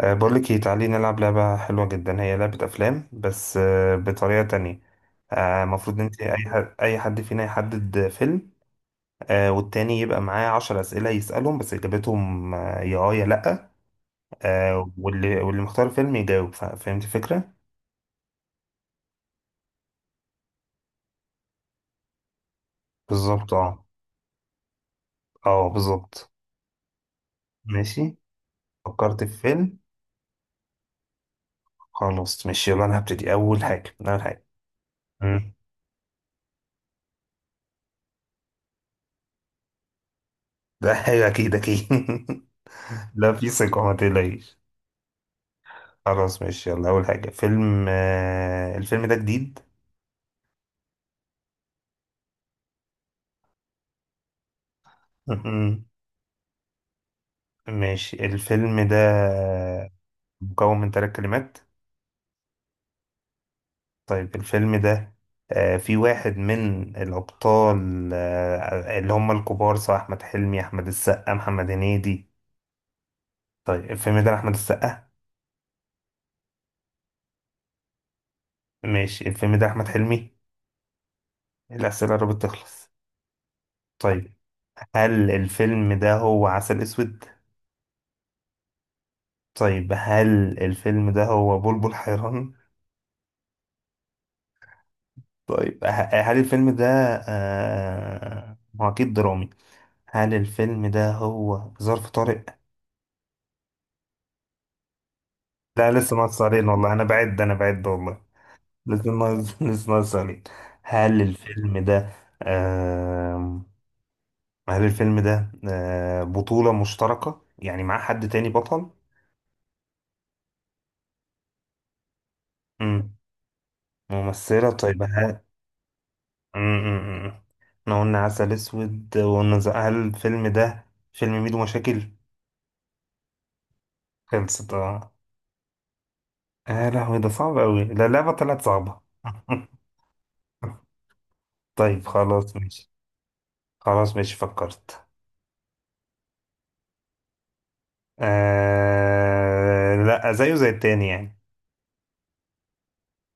بقولك ايه، تعالي نلعب لعبة حلوة جدا، هي لعبة أفلام بس بطريقة تانية. المفروض انت أي حد فينا يحدد فيلم. والتاني يبقى معاه عشر أسئلة يسألهم، بس إجابتهم يا اه يا لأ. واللي مختار فيلم يجاوب. فهمت الفكرة؟ بالظبط اه. اه بالظبط. ماشي، فكرت في فيلم. خلاص ماشي يلا، أنا هبتدي أول حاجة. مم. ده حاجة أكيد أكيد. لا، في ثقة، ما تقلقيش. خلاص ماشي يلا، أول حاجة فيلم الفيلم ده جديد. مهم. ماشي، الفيلم ده مكون من ثلاث كلمات. طيب، الفيلم ده في واحد من الأبطال، اللي هم الكبار، سواء أحمد حلمي، أحمد السقا، محمد هنيدي. طيب، الفيلم ده أحمد السقا. ماشي، الفيلم ده أحمد حلمي. الأسئلة قربت تخلص. طيب، هل الفيلم ده هو عسل أسود؟ طيب، هل الفيلم ده هو بلبل حيران؟ طيب، هل الفيلم ده هو أكيد درامي. هل الفيلم ده هو ظرف طارق؟ لا لسه ناقص علينا والله، أنا بعد والله. لسه ناقص لسه ناقص علينا. هل الفيلم ده آه هل الفيلم ده بطولة مشتركة، يعني معاه حد تاني بطل؟ مم. ممثلة، طيب هل. مم، مم، مم. احنا قلنا عسل أسود، وقلنا هل الفيلم ده فيلم ميدو مشاكل؟ خلصت اه. آه، يا لهوي، ده صعب أوي، لا اللعبة طلعت صعبة. طيب خلاص ماشي. خلاص ماشي فكرت. لا، زيه زي التاني يعني.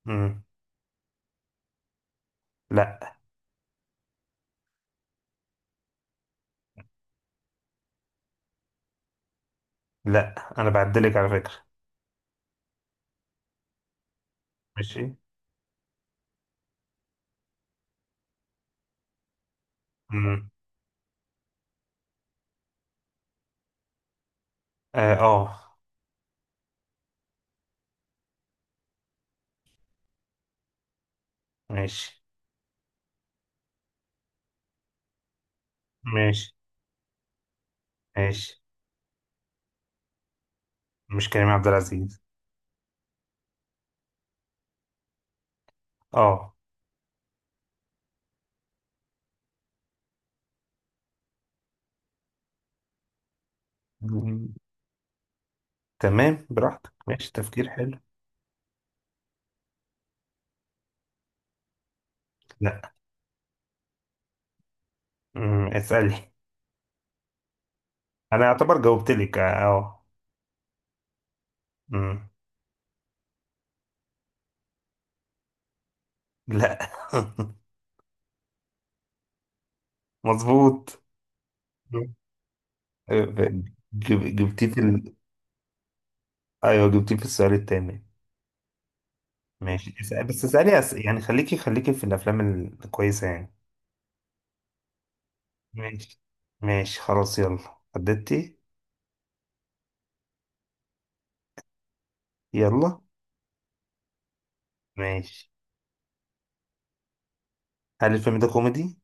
مم. لا لا. أنا بعدلك على فكرة. ماشي. مم. آه، آه. ماشي ماشي ماشي، مش كريم عبد العزيز. آه. مم. تمام براحتك، ماشي، تفكير حلو. لا. مم. اسألي. أنا أعتبر جاوبتلك آه آه. مم. لا. مظبوط. جب- جبتيه في ال... ايوه، جبتيه في السؤال التاني. ماشي، بس اسألي، يعني خليكي في الافلام الكويسة يعني. ماشي، ماشي خلاص يلا. حددتي. يلا. ماشي. هل الفيلم ده كوميدي؟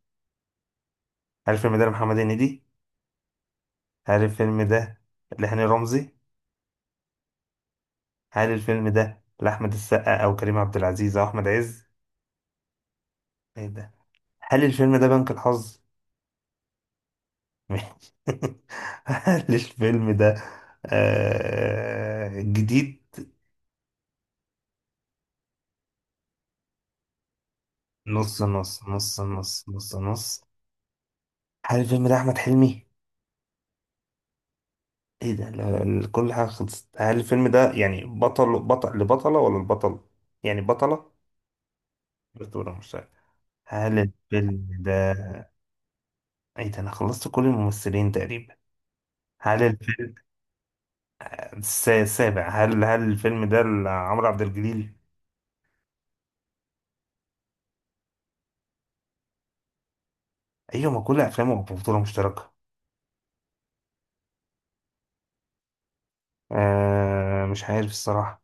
هل الفيلم ده لمحمد هنيدي؟ هل الفيلم ده لهاني رمزي؟ هل الفيلم ده لأحمد السقا او كريم عبد العزيز او احمد عز؟ ايه ده. هل الفيلم ده بنك الحظ؟ ماشي. هل الفيلم ده جديد؟ نص نص نص نص نص نص. هل الفيلم ده احمد حلمي؟ ايه ده، كل حاجه خلصت. هل الفيلم ده يعني بطل لبطله ولا البطل، يعني بطله؟ بطولة مش عارف. هل الفيلم ده. ايه ده، انا خلصت كل الممثلين تقريبا. هل الفيلم السابع، هل الفيلم ده عمرو عبد الجليل؟ ايوه، ما كل افلامه بطوله مشتركه. مش عارف الصراحه.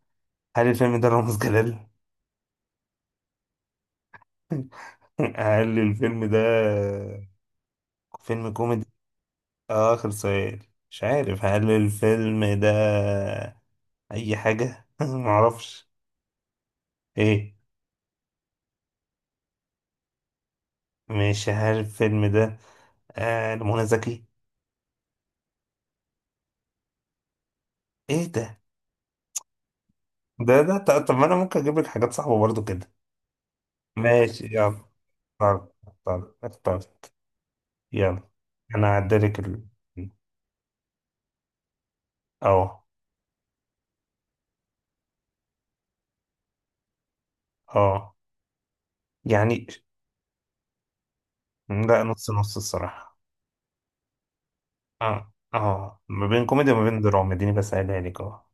هل الفيلم ده رامز جلال؟ هل الفيلم ده فيلم كوميدي؟ آخر سؤال. مش عارف، هل الفيلم ده أي حاجة؟ معرفش. إيه. مش هل الفيلم ده لمنى زكي؟ إيه ده؟ ده طب، ما أنا ممكن أجيب لك حاجات صعبة برضو كده. ماشي يلا، اختار اختار اختار. يلا، أنا هعدلك ال أه أه يعني، لا، نص نص الصراحة. أه أه ما بين كوميدي وما بين دراما، اديني بسألها لك.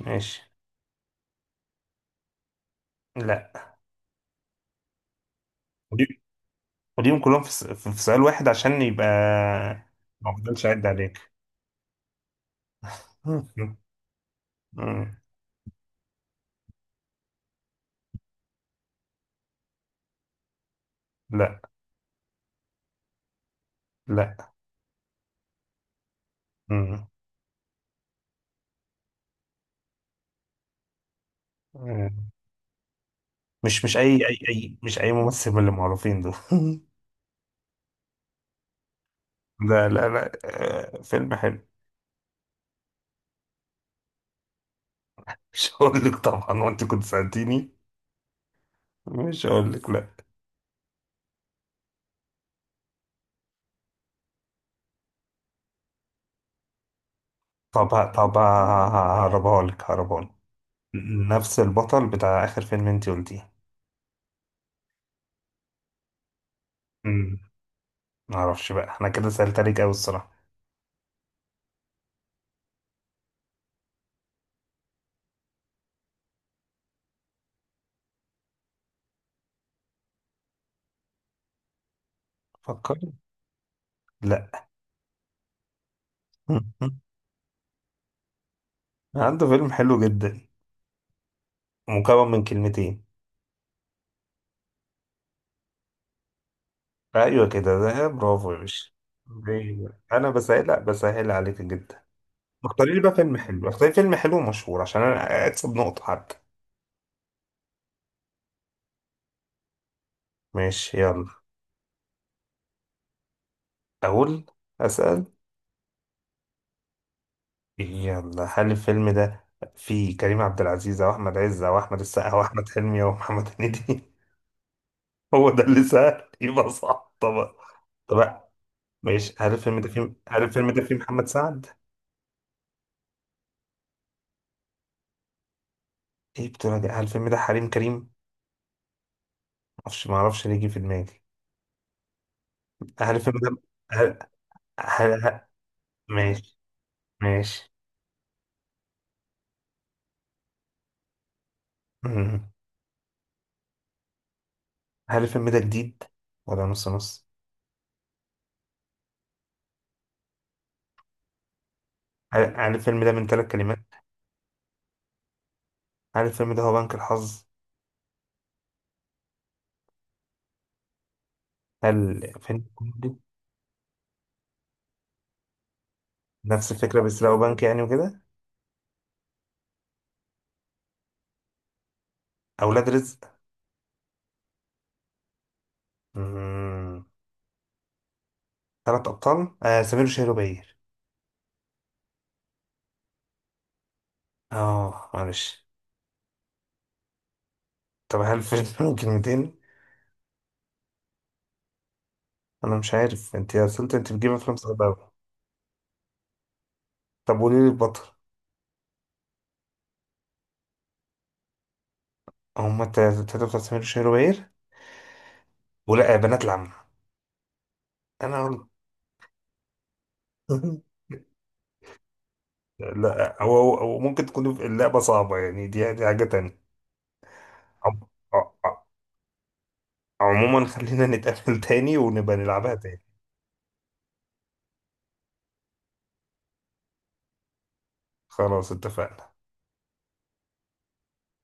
ماشي. لا. خليهم كلهم في في سؤال واحد عشان يبقى. ما افضلش اعد عليك. مم. مم. لا لا. مم. مم. مش اي ممثل من اللي معروفين دول. لا لا لا، آه، فيلم حلو. مش هقول لك طبعا، وانت كنت سألتيني. مش هقول لك، لا. طب طب هقربها لك. نفس البطل بتاع اخر فيلم انت قلتيه. مم. معرفش بقى، انا كده سألت عليك قوي الصراحة. فكر. لا. عنده فيلم حلو جدا، مكون من كلمتين. ايوه كده، ده برافو يا باشا. أيوة. انا بسهل، لا، بسهل عليك جدا. اختاري فيلم حلو ومشهور، عشان انا اكسب نقطة حتى. ماشي يلا. اقول. اسأل. يلا، هل الفيلم ده فيه كريم عبد العزيز او احمد عز او احمد السقا او احمد حلمي او محمد هنيدي؟ هو ده اللي سهل، يبقى صح طبعا. طبعا. ماشي، هل الفيلم ده فيه محمد سعد؟ ايه بتقول ده؟ هل الفيلم ده حريم كريم؟ معرفش ليه جه في دماغي. هل الفيلم ده هل هل هل- ماشي ماشي. مم. هل الفيلم ده جديد ولا نص نص؟ هل الفيلم ده من ثلاث كلمات؟ هل الفيلم ده هو بنك الحظ؟ هل فيلم كوميدي؟ نفس الفكرة، بس لو بنك يعني وكده. أولاد رزق. مم. ثلاث أبطال، سمير وشهير وبهير. اه معلش. طب هل الفيلم من كلمتين؟ أنا مش عارف أنت يا سلطة، أنت بتجيب أفلام صعبة أوي. طب قولي لي البطل. هما التلاتة بتوع سمير وشهير وبهير، ولا بنات العم؟ أنا. قلت لا، هو ممكن تكون اللعبة صعبة، يعني دي حاجة تانية. عم- ع- ع- عموما خلينا نتقابل تاني، ونبقى نلعبها تاني. خلاص اتفقنا.